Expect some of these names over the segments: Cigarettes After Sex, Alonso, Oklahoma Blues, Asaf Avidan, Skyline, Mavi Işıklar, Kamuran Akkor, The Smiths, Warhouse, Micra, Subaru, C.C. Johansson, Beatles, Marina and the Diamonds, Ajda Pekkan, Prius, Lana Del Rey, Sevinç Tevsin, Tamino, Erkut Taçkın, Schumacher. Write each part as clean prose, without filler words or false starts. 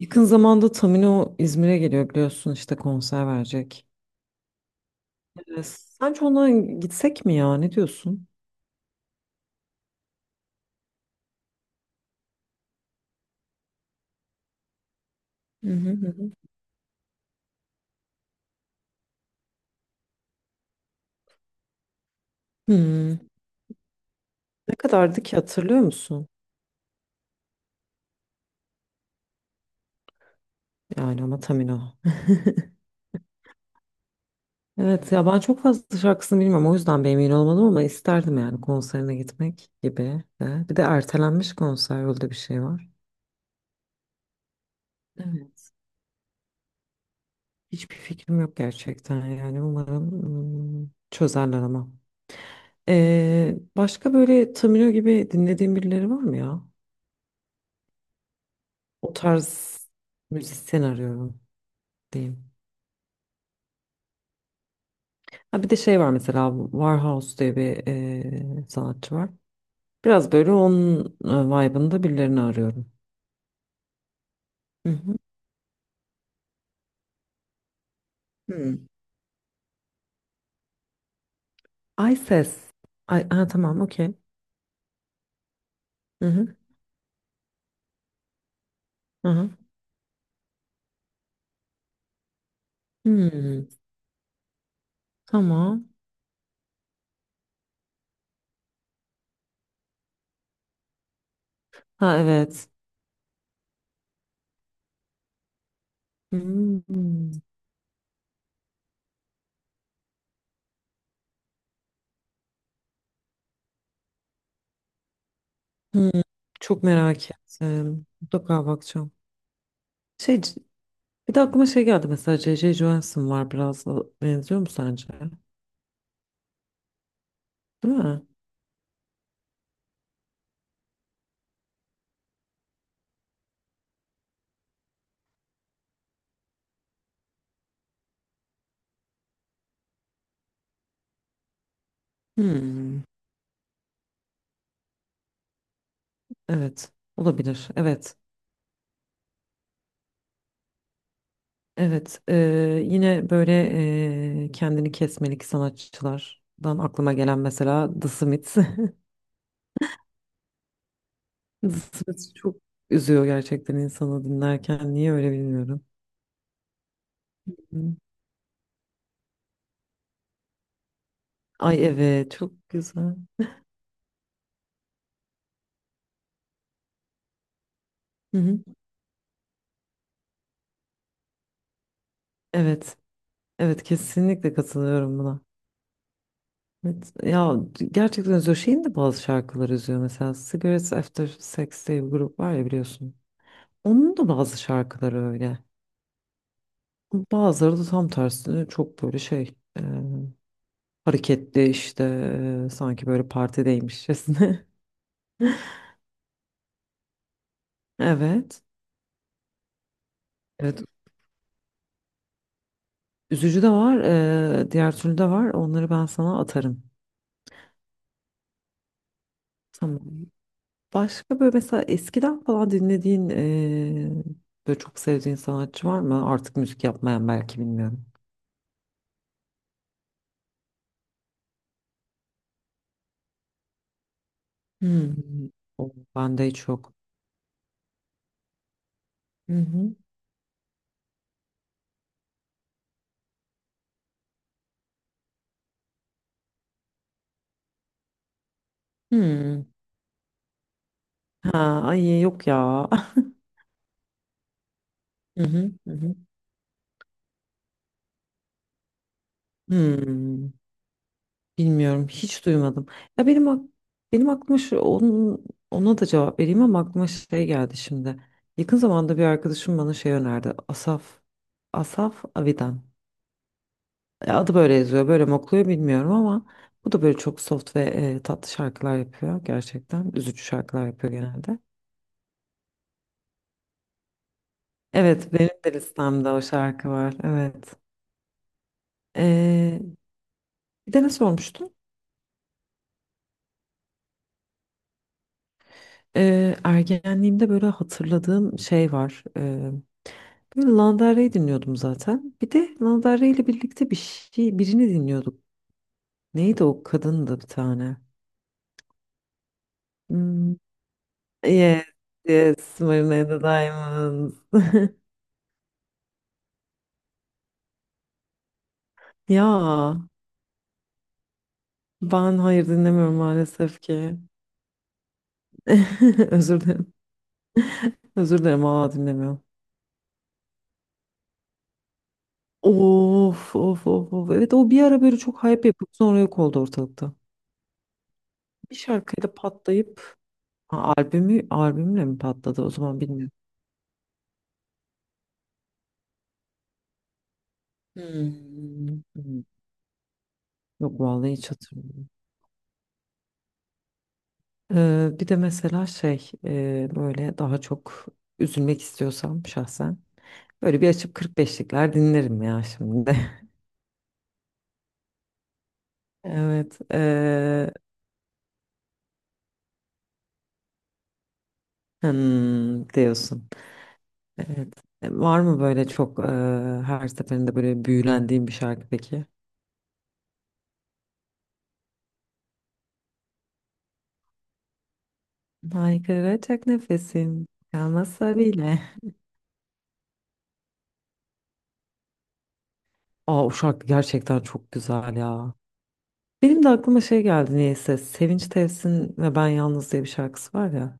Yakın zamanda Tamino İzmir'e geliyor biliyorsun işte konser verecek. Sence ona gitsek mi ya? Ne diyorsun? Hı hı. Hmm, Ne kadardı ki hatırlıyor musun? Yani ama Tamino. Evet ya, ben çok fazla şarkısını bilmiyorum, o yüzden bir emin olmadım ama isterdim yani konserine gitmek gibi de. Bir de ertelenmiş konser, öyle bir şey var. Evet. Hiçbir fikrim yok gerçekten, yani umarım çözerler ama. Başka böyle Tamino gibi dinlediğin birileri var mı ya? O tarz müzisyen arıyorum diyeyim. Ha, bir de şey var, mesela Warhouse diye bir sanatçı var. Biraz böyle onun vibe'ında birilerini arıyorum. Hı hı. Hmm. Ay ses. Ay, ha, tamam okey. Hı hı. Hı hı. Hmm. Tamam. Ha evet. Hmm. Hmm. Çok merak ettim, mutlaka bakacağım. Şey, c- bir de aklıma şey geldi, mesela C.C. Johansson var, biraz da benziyor mu sence? Değil mi? Hmm. Evet, olabilir. Evet, evet. Yine böyle kendini kesmelik sanatçılardan aklıma gelen mesela The Smiths. The Smiths çok üzüyor gerçekten insanı dinlerken. Niye öyle bilmiyorum. Hı. Ay evet, çok güzel. Hı hı. Evet, evet, kesinlikle katılıyorum buna. Evet ya, gerçekten üzüyor. Şeyin de bazı şarkıları üzüyor. Mesela Cigarettes After Sex diye bir grup var ya, biliyorsun. Onun da bazı şarkıları öyle. Bazıları da tam tersine çok böyle hareketli, sanki böyle partideymişçesine. Evet. Evet. Üzücü de var. Diğer türlü de var. Onları ben sana atarım. Tamam. Başka böyle, mesela eskiden falan dinlediğin, böyle çok sevdiğin sanatçı var mı? Artık müzik yapmayan belki, bilmiyorum. Hmm. O bende hiç yok. Hı hı. Hmm. Ha, ay yok ya. Hı hı. Hı hı. Hmm. Bilmiyorum, hiç duymadım. Ya benim ak- benim aklıma şu, onun, ona da cevap vereyim ama aklıma şey geldi şimdi. Yakın zamanda bir arkadaşım bana şey önerdi. Asaf Avidan. Adı böyle yazıyor, böyle mi okuyor bilmiyorum ama bu da böyle çok soft ve tatlı şarkılar yapıyor gerçekten. Üzücü şarkılar yapıyor genelde. Evet, benim de listemde o şarkı var. Evet. E, bir de ne sormuştun? Ergenliğimde böyle hatırladığım şey var. Böyle Lana Del Rey dinliyordum zaten. Bir de Lana Del Rey ile birlikte bir şey, birini dinliyorduk. Neydi o kadın da bir tane? Hmm. Yes, yes, Marina and the Diamonds. Ya ben hayır dinlemiyorum maalesef ki. Özür dilerim. Özür dilerim, aa dinlemiyorum. Of of of of. Evet, o bir ara böyle çok hype yapıp sonra yok oldu ortalıkta. Bir şarkıyla patlayıp ha, albümü, albümle mi patladı o zaman bilmiyorum. Hmm. Hmm. Yok vallahi, hiç hatırlamıyorum. Bir de mesela böyle daha çok üzülmek istiyorsam şahsen böyle bir açıp 45'likler dinlerim ya şimdi. Evet, hmm, diyorsun. Evet. Var mı böyle çok her seferinde böyle büyülendiğin bir şarkı peki? Haykıracak nefesim kalmasa bile. Aa, o şarkı gerçekten çok güzel ya. Benim de aklıma şey geldi niyeyse. Sevinç Tevsin ve Ben Yalnız diye bir şarkısı var ya.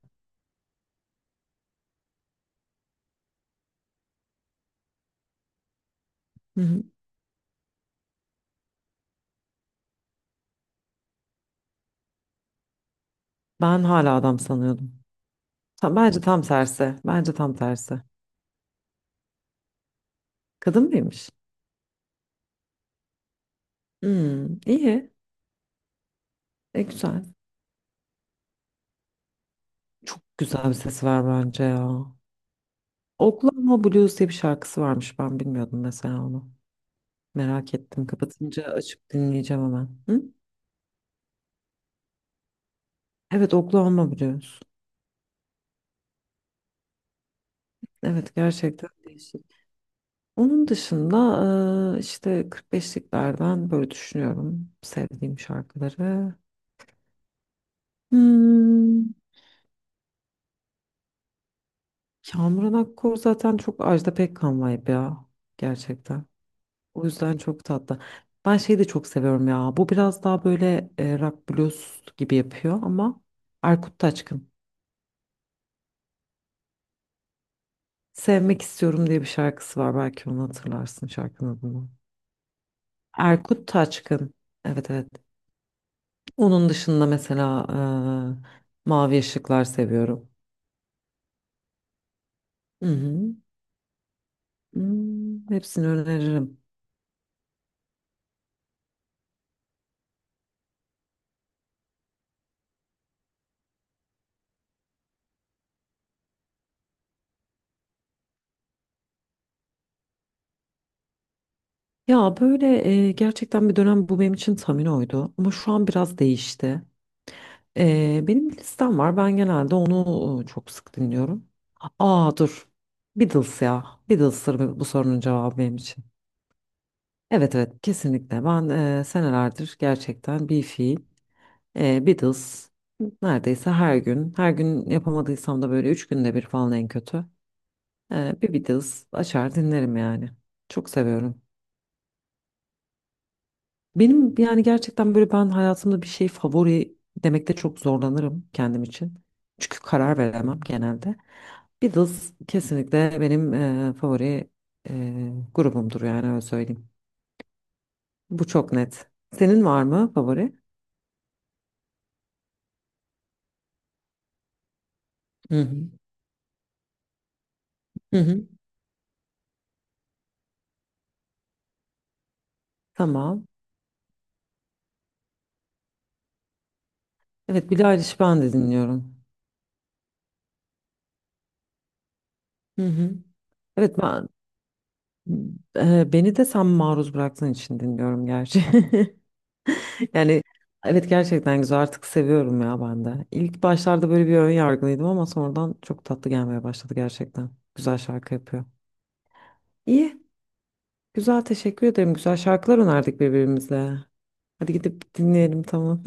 Hı hı. Ben hala adam sanıyordum. Bence tam tersi. Bence tam tersi. Kadın mıymış? Hmm, iyi. E güzel. Çok güzel bir sesi var bence ya. Oklahoma Blues diye bir şarkısı varmış. Ben bilmiyordum mesela onu. Merak ettim. Kapatınca açıp dinleyeceğim hemen. Hı? Evet, Oklahoma Blues. Evet, gerçekten değişik. Onun dışında işte 45'liklerden böyle düşünüyorum sevdiğim şarkıları. Hmm. Kamuran Akkor zaten çok Ajda Pekkan vibe ya. Gerçekten. O yüzden çok tatlı. Ben şeyi de çok seviyorum ya. Bu biraz daha böyle rock blues gibi yapıyor ama Erkut Taçkın. Sevmek istiyorum diye bir şarkısı var. Belki onu hatırlarsın, şarkının adını. Erkut Taçkın. Evet evet. Onun dışında mesela Mavi Işıklar seviyorum. Hı hı. Hmm, hepsini öneririm. Ya böyle gerçekten bir dönem bu benim için Tamino'ydu ama şu an biraz değişti. Benim bir listem var, ben genelde onu çok sık dinliyorum. Aa dur, Beatles ya, Beatles'tır bu, bu sorunun cevabı benim için. Evet evet, kesinlikle ben senelerdir gerçekten bir fiil Beatles neredeyse her gün yapamadıysam da böyle üç günde bir falan en kötü bir Beatles açar dinlerim yani, çok seviyorum. Benim yani gerçekten böyle, ben hayatımda bir şey favori demekte çok zorlanırım kendim için. Çünkü karar veremem genelde. Beatles kesinlikle benim favori grubumdur yani, öyle söyleyeyim. Bu çok net. Senin var mı favori? Hı hı. Hı hı. Tamam. Evet, Billie Eilish'i ben de dinliyorum. Hı hı. Evet ben beni de sen maruz bıraktığın için dinliyorum gerçi. Yani evet, gerçekten güzel, artık seviyorum ya ben de. İlk başlarda böyle bir ön yargılıydım ama sonradan çok tatlı gelmeye başladı gerçekten. Güzel şarkı yapıyor. İyi. Güzel, teşekkür ederim. Güzel şarkılar önerdik birbirimize. Hadi gidip dinleyelim, tamam.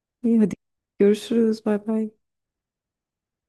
İyi, hadi görüşürüz. Bay bay.